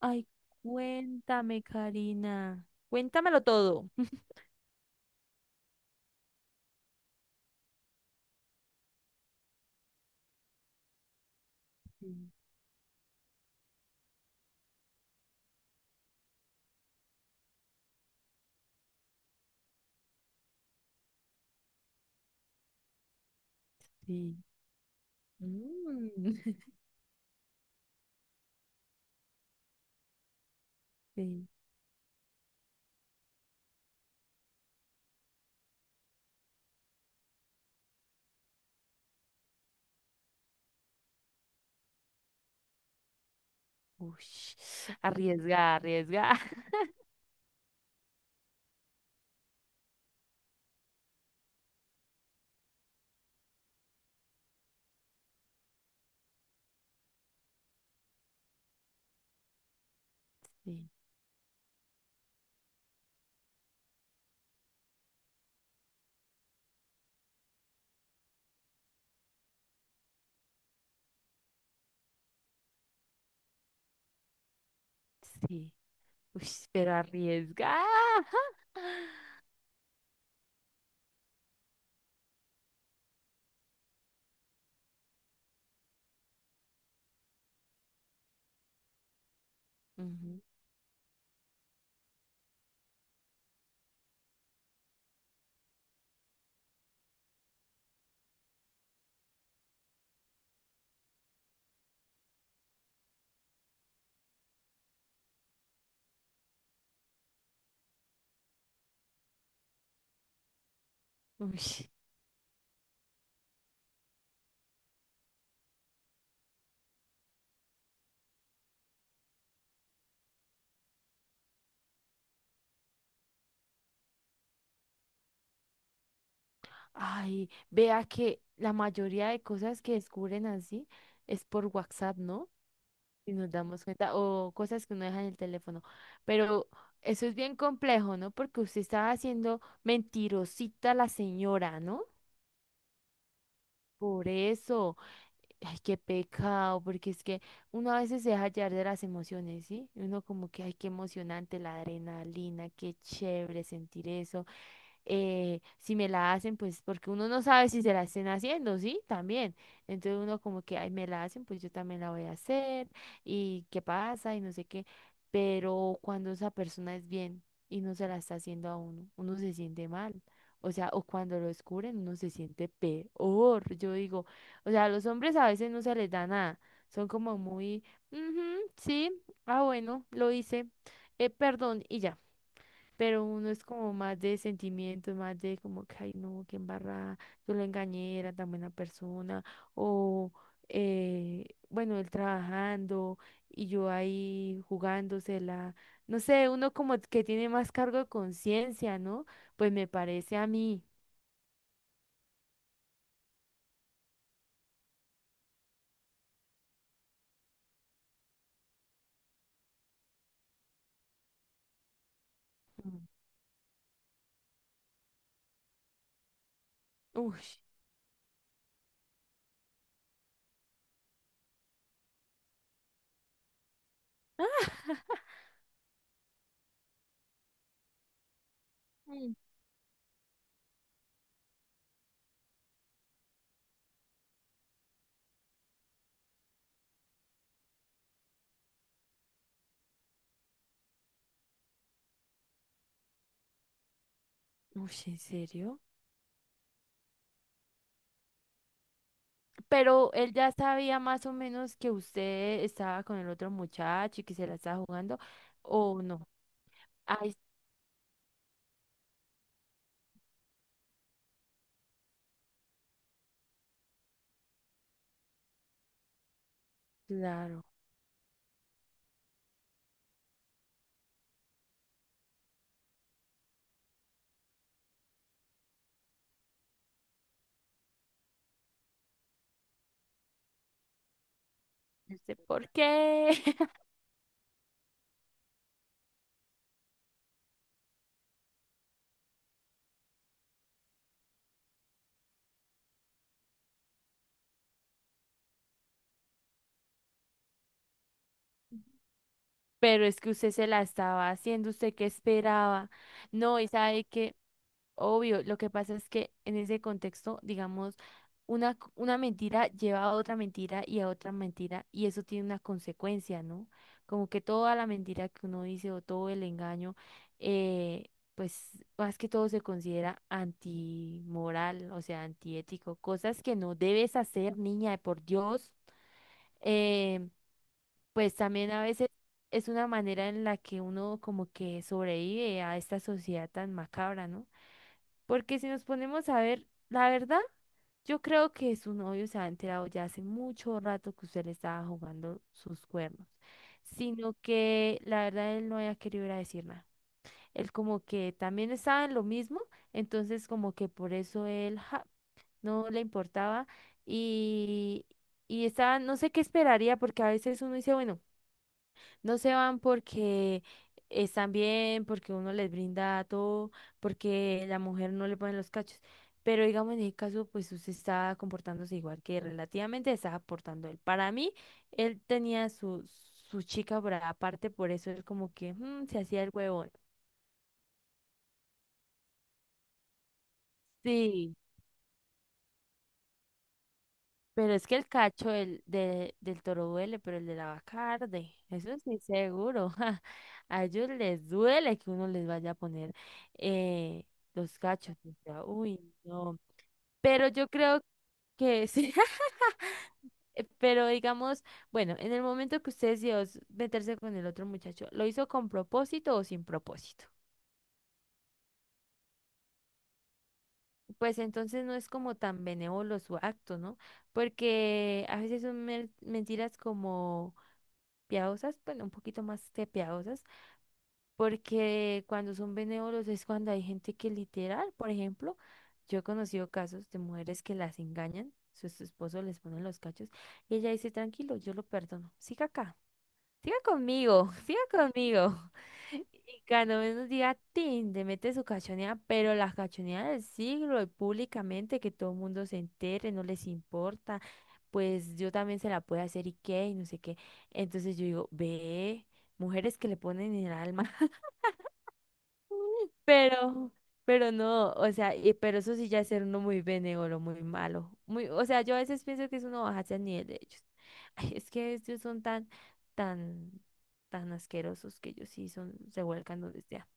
Ay, cuéntame, Karina. Cuéntamelo todo. Sí. Mm, sí. Ush, arriesga, arriesga. Sí, sí. Ush, pero arriesga. Ujú, ush. Ay, vea que la mayoría de cosas que descubren así es por WhatsApp, ¿no? Y nos damos cuenta, o cosas que uno deja en el teléfono. Pero eso es bien complejo, ¿no? Porque usted estaba haciendo mentirosita a la señora, ¿no? Por eso, ay, qué pecado, porque es que uno a veces se deja llevar de las emociones, ¿sí? Y uno como que, ay, qué emocionante la adrenalina, qué chévere sentir eso. Si me la hacen, pues porque uno no sabe si se la estén haciendo, ¿sí? También. Entonces uno como que, ay, me la hacen, pues yo también la voy a hacer y qué pasa y no sé qué. Pero cuando esa persona es bien y no se la está haciendo a uno, uno se siente mal. O sea, o cuando lo descubren, uno se siente peor. Yo digo, o sea, a los hombres a veces no se les da nada. Son como muy, "Ujú, sí, ah, bueno, lo hice, perdón, y ya". Pero uno es como más de sentimientos, más de como que, ay, no, qué embarrada, yo lo engañé, era tan buena persona, o, bueno, él trabajando y yo ahí jugándosela, no sé, uno como que tiene más cargo de conciencia, ¿no? Pues me parece a mí. Mm. Uy, mm. Uy, ¿en serio? Pero él ya sabía más o menos que usted estaba con el otro muchacho y que se la estaba jugando, ¿o no? Ay, claro. No sé por qué. Pero es que usted se la estaba haciendo, usted qué esperaba. No, y sabe que, obvio, lo que pasa es que en ese contexto, digamos, una, c- una mentira lleva a otra mentira y a otra mentira, y eso tiene una consecuencia, ¿no? Como que toda la mentira que uno dice o todo el engaño, eh, pues más que todo se considera antimoral, o sea, antiético, cosas que no debes hacer, niña, por Dios. eh, pues también a veces es una manera en la que uno como que sobrevive a esta sociedad tan macabra, ¿no? Porque si nos ponemos a ver, la verdad, yo creo que su novio se ha enterado ya hace mucho rato que usted le estaba jugando sus cuernos, sino que la verdad él no había querido ir a decir nada. Él como que también estaba en lo mismo, entonces como que por eso él ja, no le importaba y, y estaba, no sé qué esperaría, porque a veces uno dice, bueno, no se van porque están bien, porque uno les brinda todo, porque la mujer no le pone los cachos. Pero digamos, en ese caso, pues usted está comportándose igual que relativamente está aportando él. Para mí, él tenía su, su chica por aparte, por eso él como que mm, se hacía el huevón. Sí. Pero es que el cacho del, de- del toro duele, pero el de la vaca arde. Eso sí, seguro. A ellos les duele que uno les vaya a poner eh, los cachos. O sea, uy, no. Pero yo creo que sí. Pero digamos, bueno, en el momento que usted decidió s- meterse con el otro muchacho, ¿lo hizo con propósito o sin propósito? Pues entonces no es como tan benévolo su acto, ¿no? Porque a veces son mer- mentiras como... piadosas, bueno, un poquito más que piadosas, porque cuando son benévolos es cuando hay gente que literal, por ejemplo, yo he conocido casos de mujeres que las engañan, su esposo les pone los cachos y ella dice, tranquilo, yo lo perdono, siga acá. Siga conmigo, siga conmigo. Y cuando menos diga, tin, te mete su cachoneada, pero la cachoneada del siglo y públicamente que todo el mundo se entere, no les importa, pues yo también se la puedo hacer y qué, y no sé qué. Entonces yo digo, ve, mujeres que le ponen en el alma. Pero, pero no, o sea, y- pero eso sí ya es ser uno muy benévolo, muy malo. Muy, o sea, yo a veces pienso que es uno bajarse al nivel de ellos. Ay, es que ellos son tan, tan, tan asquerosos que ellos sí son, se vuelcan donde sea.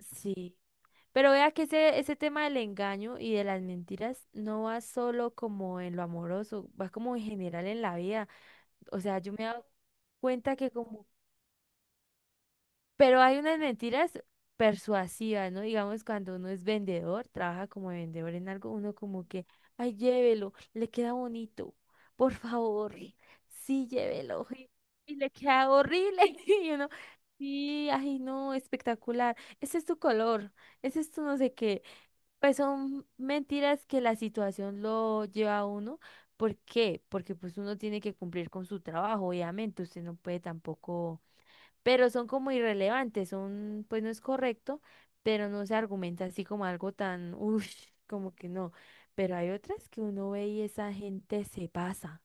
Sí. Pero vea que ese tema del engaño y de las mentiras no va solo como en lo amoroso, va como en general en la vida. O sea, yo me he dado cuenta que como pero hay unas mentiras persuasivas, ¿no? Digamos, cuando uno es vendedor, trabaja como vendedor en algo, uno como que, ay, llévelo, le queda bonito, por favor, sí, llévelo. Y le queda horrible. Y uno, sí, ay, no, espectacular. Ese es tu color, ese es tu no sé qué. Pues son mentiras que la situación lo lleva a uno. ¿Por qué? Porque pues uno tiene que cumplir con su trabajo, obviamente. Usted no puede tampoco, pero son como irrelevantes, son, pues no es correcto, pero no se argumenta así como algo tan, uff, como que no. Pero hay otras que uno ve y esa gente se pasa.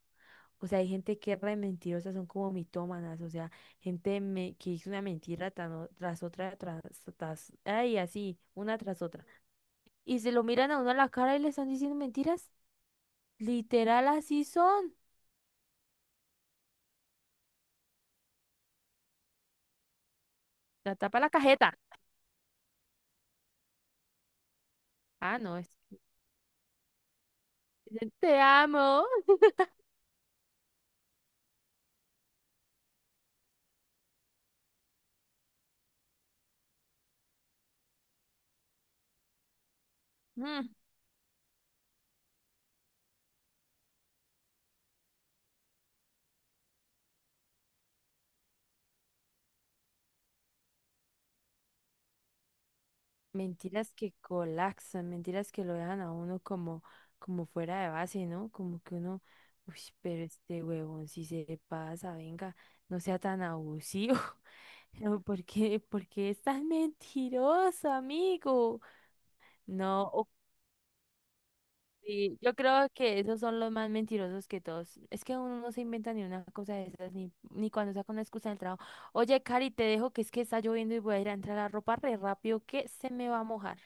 O sea, hay gente que es re mentirosa, son como mitómanas, o sea, gente me- que hizo una mentira tan o- tras otra, tras, tras, ay, así, una tras otra. Y se lo miran a uno a la cara y le están diciendo mentiras. Literal, así son. La tapa la cajeta. Ah, no, es. Te amo. Mentiras que colapsan, mentiras que lo dejan a uno como, como fuera de base, ¿no? Como que uno, uy, pero este huevón, si se pasa, venga, no sea tan abusivo. No, ¿por qué, por qué es tan mentiroso, amigo? No, o- sí, yo creo que esos son los más mentirosos que todos. Es que uno no se inventa ni una cosa de esas, ni, ni cuando saca una excusa del trabajo. Oye, Cari, te dejo que es que está lloviendo y voy a ir a entrar la ropa re rápido que se me va a mojar.